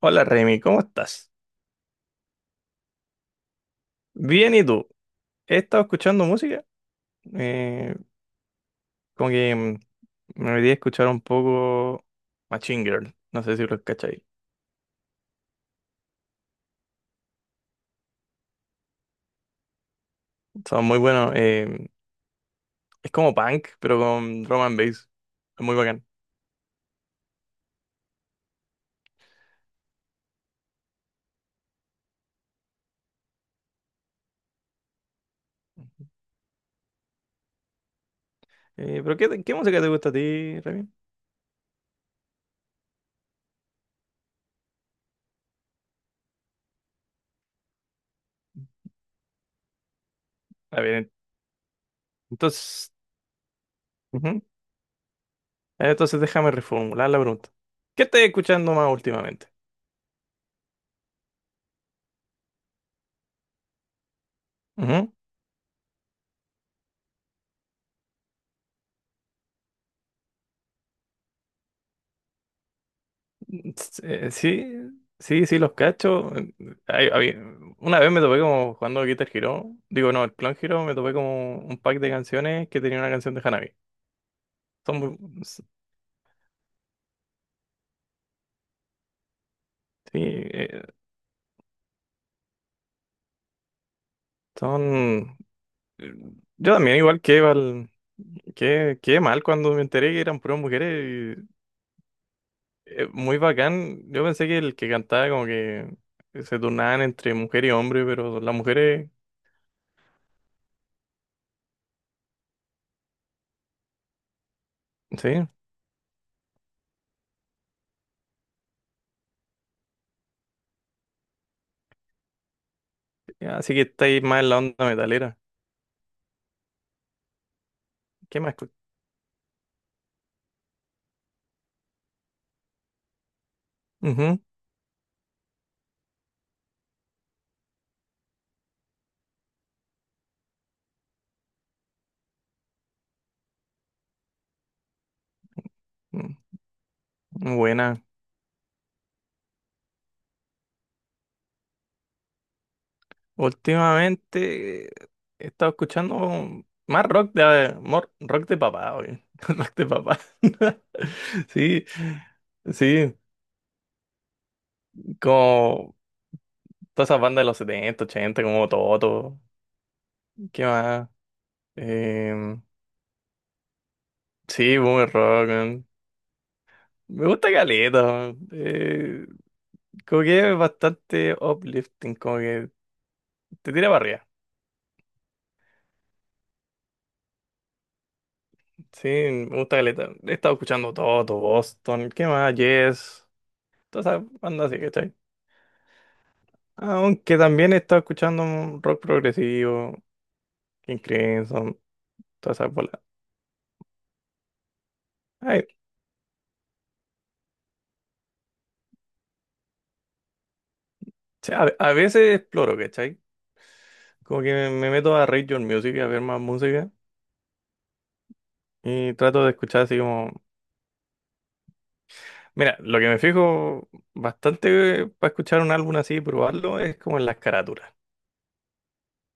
Hola Remy, ¿cómo estás? Bien, ¿y tú? He estado escuchando música, eh, como que mm, me olvidé escuchar un poco Machine Girl, no sé si lo cacháis. Son muy buenos, es como punk, pero con drum and bass, es muy bacán. ¿Pero qué música te gusta a ti, Remy? A ver, entonces, ujú. Entonces déjame reformular la pregunta. ¿Qué estás escuchando más últimamente? Sí, sí, sí, los cacho. Hay- hay- una vez me topé como jugando Guitar Hero. Digo, no, el Clone Hero, me topé como un pack de canciones que tenía una canción de Hanabi. Son muy- s- sí, son... eh, yo también, que mal cuando me enteré que eran puras mujeres. Y, muy bacán. Yo pensé que el que cantaba como que se turnaban entre mujer y hombre, pero las mujeres... Sí, así que estáis más en la onda metalera. ¿Qué más? Ujú. Mm. Buena. Últimamente he estado escuchando más rock de papá, oye. Rock de papá. Sí, sí, como todas esas bandas de los 70, 80, como Toto. ¿Qué más? Eh, sí, boomer rock, man. Me gusta caleta, man. Como que es bastante uplifting, como que te tira para arriba. Sí, me gusta caleta. He estado escuchando Toto, Boston, ¿qué más? Yes. Toda esa banda así, ¿cachai? Aunque también he estado escuchando un rock progresivo, King Crimson, todas esas bolas. Ay, o sea, a veces exploro, ¿cachai? Como que me meto a Radio Music a ver más música y trato de escuchar así como... Mira, lo que me fijo bastante para escuchar un álbum así y probarlo es como en las carátulas,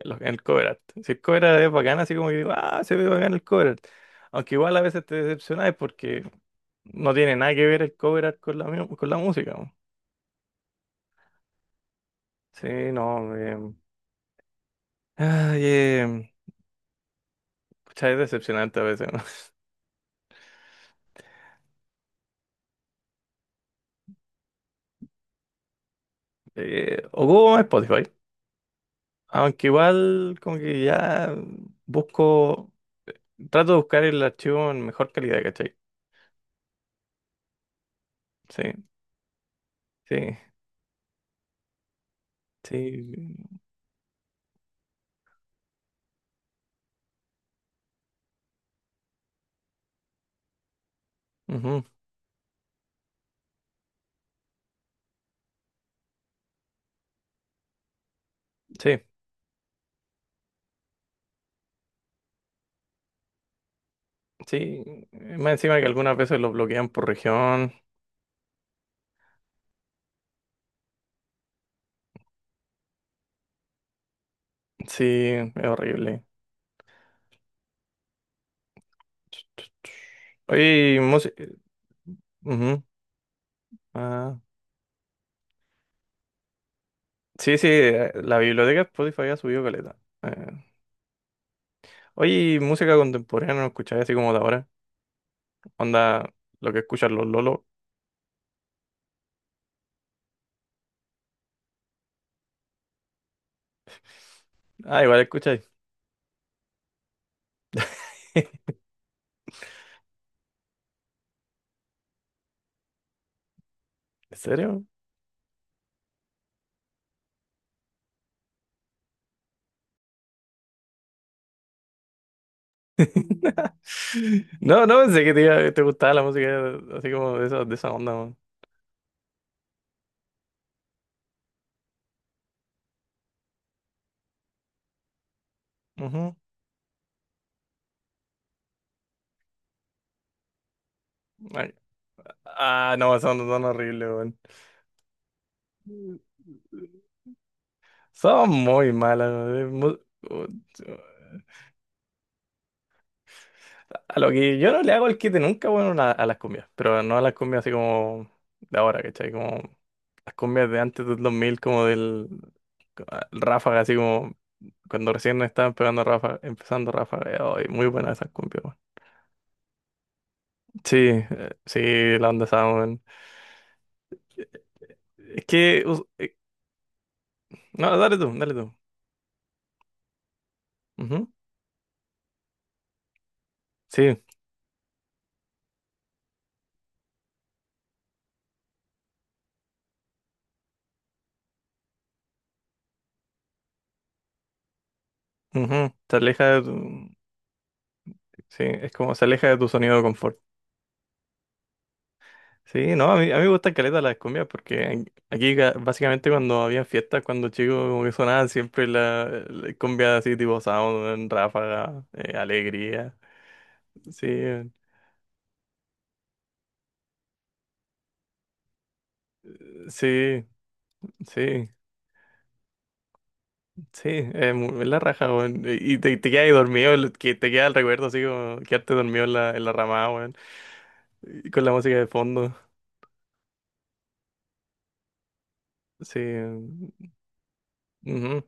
en el cover art. Si el cover art es bacán, así como que digo, ah, se ve bacán el cover art. Aunque igual a veces te decepcionas porque no tiene nada que ver el cover art con la, con la música. Sí, no. Ay, em, pucha, es decepcionante a veces, ¿no? O Google Spotify. Aunque igual como que ya busco, trato de buscar el archivo en mejor calidad, ¿cachai? Sí, sí, sí, ujú, sí, sí. Más encima que algunas veces lo bloquean por región. Sí, es horrible. Oye, música. Sí, sí, la biblioteca de Spotify ha subido caleta. eh, Oye, ¿y música contemporánea no escucháis así como de ahora? Onda, lo que escuchan los lolos. Ah, igual escucháis. ¿En serio? No, no pensé que te gustaba la música así como de esa onda, weón. Ujú. Ay. Ah, no, son, son horribles, weón. Son muy malas, weón. A lo que yo no le hago el quite nunca, bueno, a las cumbias, pero no a las cumbias así como de ahora, ¿cachai? Como las cumbias de antes del 2000, como del el Ráfaga, así como cuando recién estaban pegando Ráfaga, empezando Ráfaga, oh, y muy buenas esas cumbias, weón. Sí, sí, la onda esa, weón. Es que, us- eh, no, dale tú, dale tú. Ujú. Sí, ujú. Se aleja de tu, sí, es como se aleja de tu sonido de confort. Sí, no, a mí me gustan caleta las cumbias porque aquí básicamente cuando había fiestas, cuando chicos como que sonaban siempre la cumbia así tipo Sound, Ráfaga, Alegría. Sí, sí, sí, sí, es la raja, weón. Y te quedas ahí dormido, que te queda el recuerdo así como quedarte dormido en la ramada, weón. Y con la música de fondo. Sí. Ujú.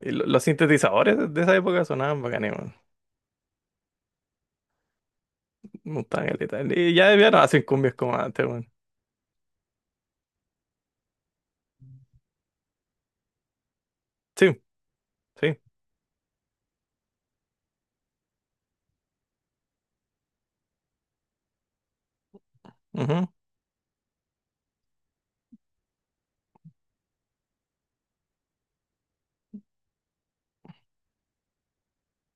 Y los sintetizadores de esa época sonaban bacanes, weón. Me gustaban caleta. Y ya, ya no hacen cumbias como antes. Sí, sí, ujú,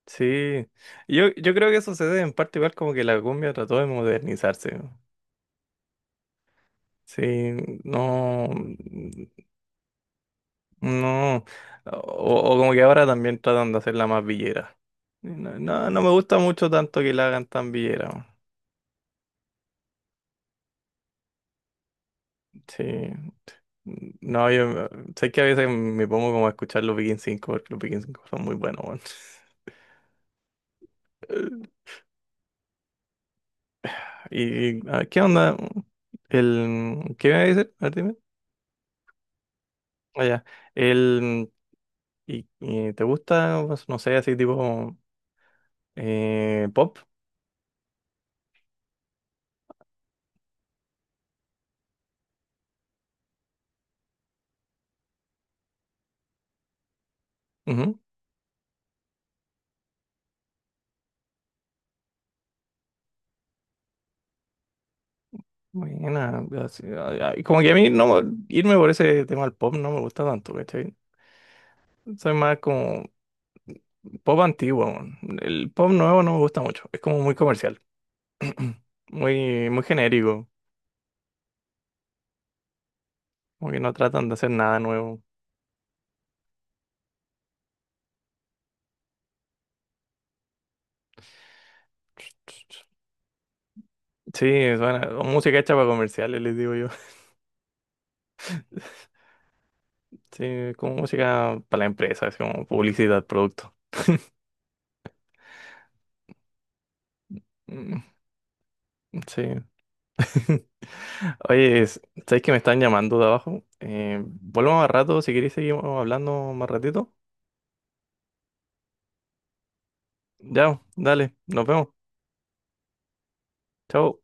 sí. Yo creo que eso se debe en parte igual como que la cumbia trató de modernizarse. Sí, no, no. O como que ahora también tratan de hacerla más villera. No, no, no me gusta mucho tanto que la hagan tan villera. Sí. No, yo sé que a veces me pongo como a escuchar los Begin 5 porque los Begin 5 son muy buenos, weón. ¿Y a ver, qué onda? El, ¿qué me iba a decir? A ver, dime. Allá. El, ¿y, y te gusta, pues, no sé, así tipo pop? Ujú. Buena. Así, ay, como que a mí no, irme por ese tema del pop no me gusta tanto, ¿cachai? Soy más como pop antiguo, weón. El pop nuevo no me gusta mucho. Es como muy comercial. Muy, muy genérico. Como que no tratan de hacer nada nuevo. Sí, suena o música hecha para comerciales, les digo yo. Sí, como música para la empresa, así como publicidad, producto. Mm, sí. Oye, ¿sabes que me están llamando de abajo? Vuelvo más rato, si queréis seguimos hablando más ratito. Ya, dale, nos vemos. Chao.